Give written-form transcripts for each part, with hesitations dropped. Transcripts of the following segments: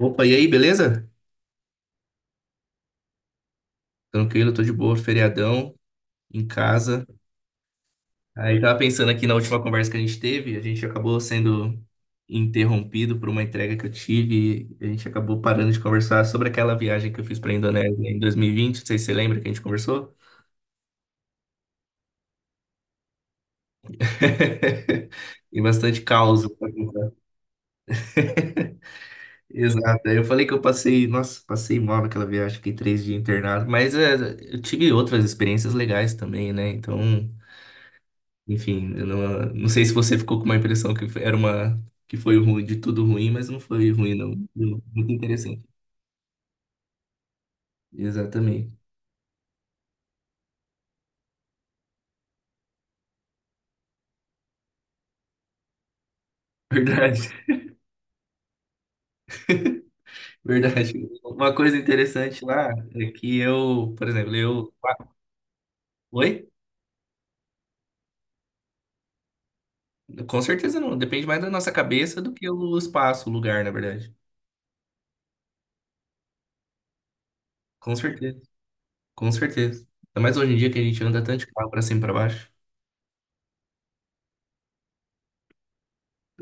Opa, e aí, beleza? Tranquilo, tô de boa, feriadão, em casa. Aí tava pensando aqui na última conversa que a gente teve, a gente acabou sendo interrompido por uma entrega que eu tive, e a gente acabou parando de conversar sobre aquela viagem que eu fiz pra Indonésia em 2020, não sei se você lembra que a gente conversou. E bastante caos pra contar. Exato. Aí eu falei que eu passei, nossa, passei mal naquela viagem, fiquei 3 dias internado, mas é, eu tive outras experiências legais também, né? Então, enfim, eu não sei se você ficou com uma impressão que era uma que foi ruim, de tudo ruim, mas não foi ruim, não. Muito interessante. Exatamente. Verdade, verdade. Uma coisa interessante lá é que eu, por exemplo, eu. Oi? Com certeza não. Depende mais da nossa cabeça do que o espaço, o lugar, na verdade. Com certeza, com certeza. Ainda mais hoje em dia que a gente anda tanto de carro pra cima e pra baixo.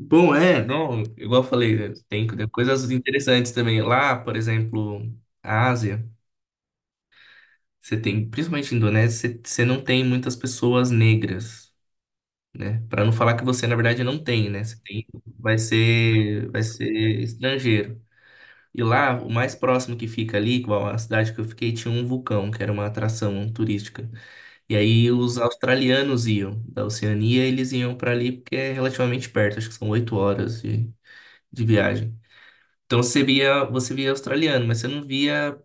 Bom, é, não, igual eu falei, né, tem coisas interessantes também. Lá, por exemplo, a Ásia. Você tem, principalmente na Indonésia, você não tem muitas pessoas negras, né? Para não falar que você, na verdade, não tem, né? Você tem, vai ser estrangeiro. E lá, o mais próximo que fica ali, igual a cidade que eu fiquei, tinha um vulcão, que era uma atração turística. E aí os australianos iam da Oceania, eles iam para ali porque é relativamente perto, acho que são 8 horas de viagem. Então você via australiano, mas você não via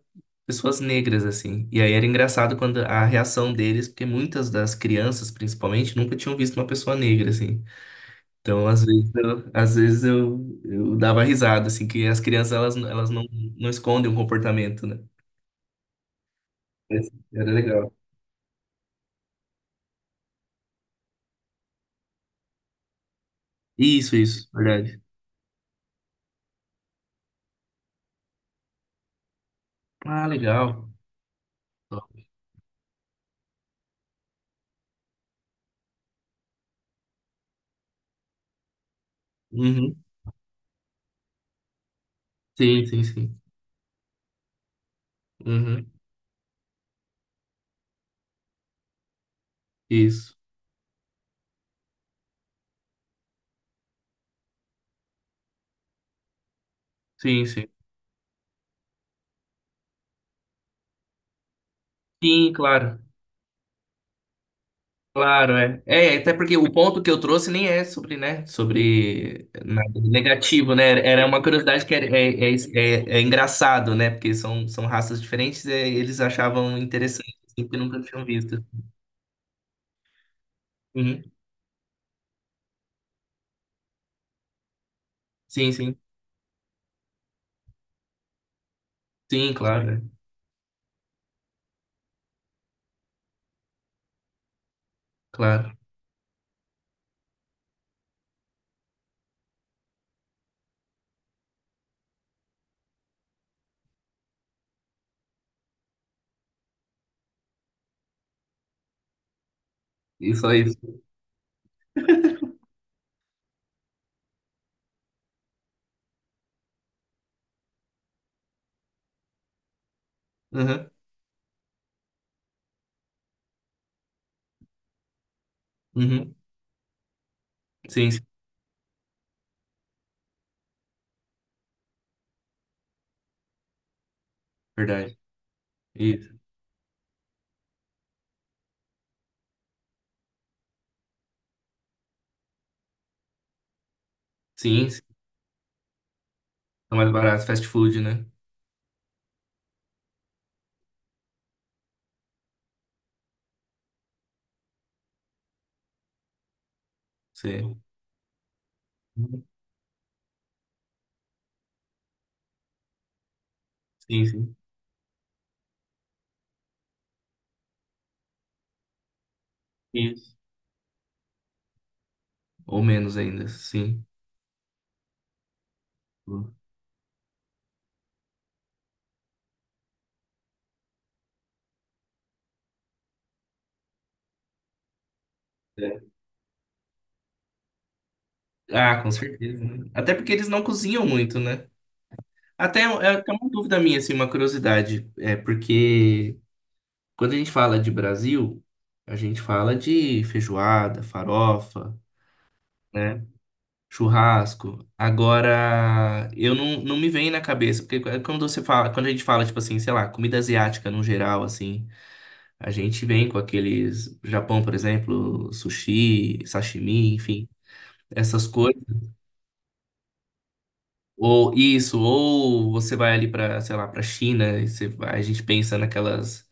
pessoas negras, assim. E aí era engraçado quando a reação deles, porque muitas das crianças, principalmente, nunca tinham visto uma pessoa negra, assim. Então, às vezes eu dava risada, assim, que as crianças, elas não, não escondem um comportamento, né? Mas era legal. Isso, verdade. Ah, legal. Uhum. Sim, sim, sim. Uhum. Isso. Sim, sim. Sim, claro. Claro, é. É, até porque o ponto que eu trouxe nem é sobre, né, sobre nada de negativo, né? Era uma curiosidade que é engraçado, né? Porque são raças diferentes, é, eles achavam interessante, assim, porque nunca tinham visto. Uhum. Sim, sim. Sim, claro, é. Claro. E só isso. Uhum. Uhum. Sim, sim. Verdade. Isso. Sim, sim. São mais baratos, fast food, né? Sim. Uhum. Sim, sim. Isso. Ou menos ainda, sim. É. Ah, com certeza, né? Até porque eles não cozinham muito, né? Até até uma dúvida minha, assim, uma curiosidade. É porque quando a gente fala de Brasil, a gente fala de feijoada, farofa, né? Churrasco. Agora, eu não me vem na cabeça, porque é quando você fala, quando a gente fala, tipo assim, sei lá, comida asiática no geral, assim, a gente vem com aqueles, Japão, por exemplo, sushi, sashimi, enfim, essas coisas. Ou isso, ou você vai ali para, sei lá, para China, e a gente pensa naquelas,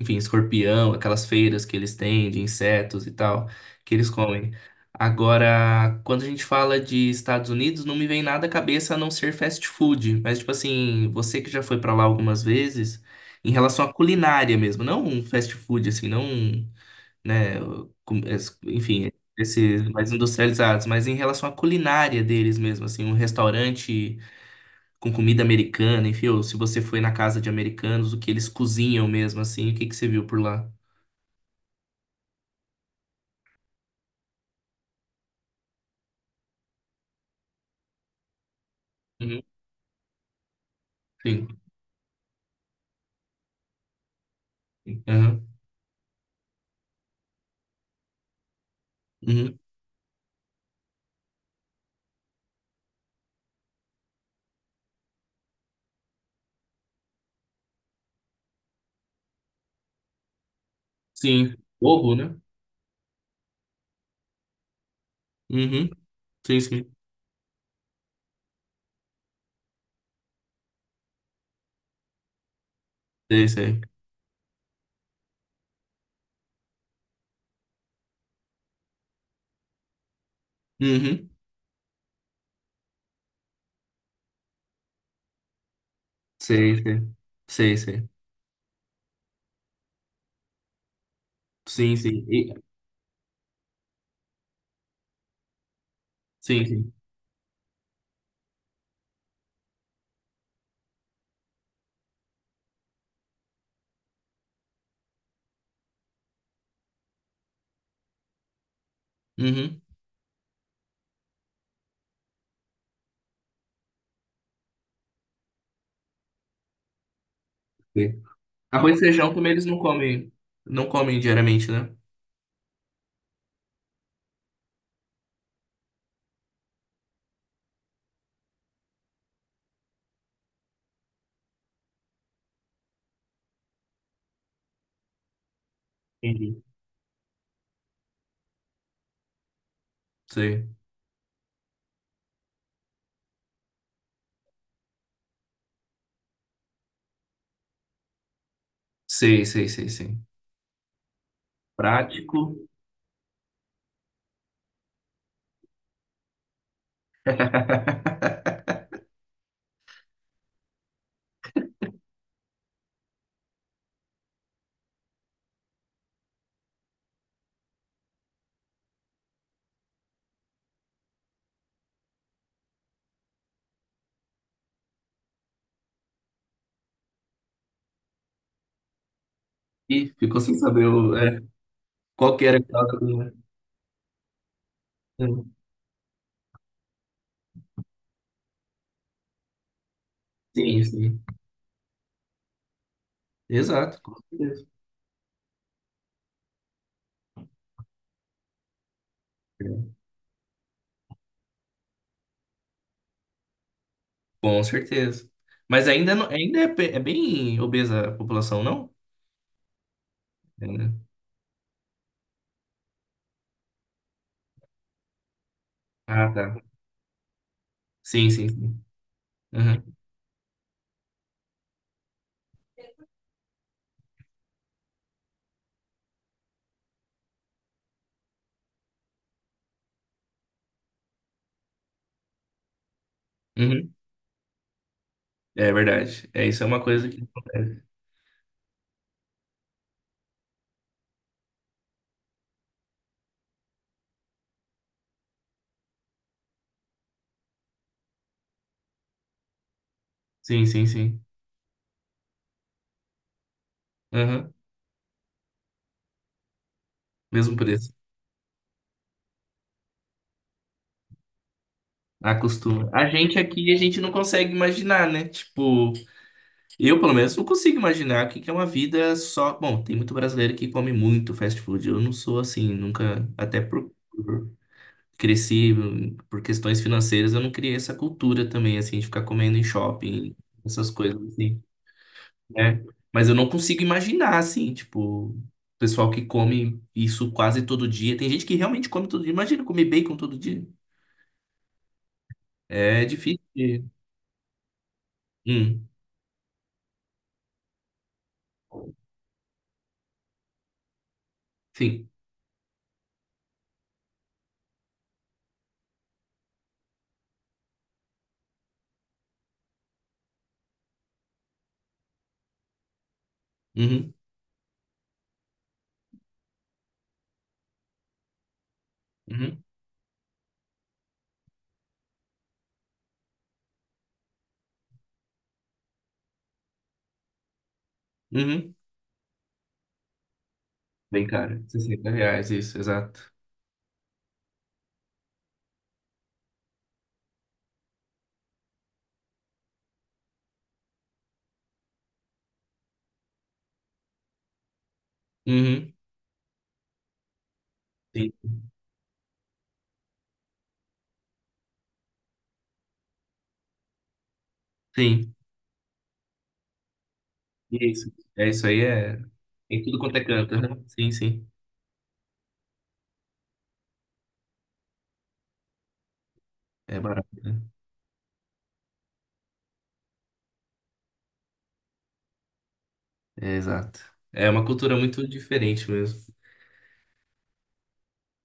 enfim, escorpião, aquelas feiras que eles têm de insetos e tal, que eles comem. Agora, quando a gente fala de Estados Unidos, não me vem nada à cabeça a não ser fast food, mas tipo assim, você que já foi para lá algumas vezes, em relação à culinária mesmo, não um fast food assim, não, um, né, enfim, esses mais industrializados, mas em relação à culinária deles mesmo, assim, um restaurante com comida americana, enfim, ou se você foi na casa de americanos, o que eles cozinham mesmo, assim, o que que você viu por lá? Uhum, sim. Aham. Uhum, sim. Ovo, né? Uhum, sim, sim. Sei, sei. Uhum, sei, sei. Sei, sei. Sim, sim. E, sim, sim. Uhum, sei. Arroz e feijão também eles não comem, não comem diariamente, né? Entendi. Sei. Sei, sei, sei, sei. Prático. Ih, ficou sem saber o, é, qual que era a causa do, né? Sim, sim. Exato, com certeza. É. Com certeza. Mas ainda, não, ainda é, é bem obesa a população, não? É, né? Ah, tá. Sim, sim, sim. Aham. Uhum. É verdade. É, isso é uma coisa que acontece. Sim, sim, sim. Aham. Mesmo preço. Acostuma. A gente aqui, a gente não consegue imaginar, né? Tipo, eu pelo menos não consigo imaginar o que que é uma vida só. Bom, tem muito brasileiro que come muito fast food. Eu não sou assim, nunca. Até por, cresci por questões financeiras, eu não criei essa cultura também, assim, de ficar comendo em shopping, essas coisas, assim, né? Mas eu não consigo imaginar, assim, tipo, o pessoal que come isso quase todo dia. Tem gente que realmente come todo dia. Imagina comer bacon todo dia. É difícil Hum, sim. Uhum, uhum, uhum. Bem caro, 60 reais, isso, exato. Uhum, sim, sim. Isso. É isso aí, é. Em tudo quanto é canto, né? Sim, sim. É barato, né? É, exato. É uma cultura muito diferente mesmo.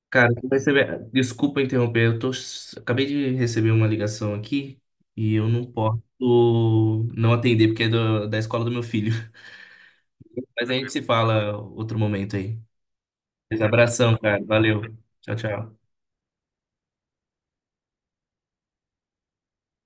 Cara, desculpa interromper, eu tô, acabei de receber uma ligação aqui e eu não posso não atender porque é da escola do meu filho. Mas a gente se fala outro momento aí. Mas abração, cara. Valeu. Tchau, tchau.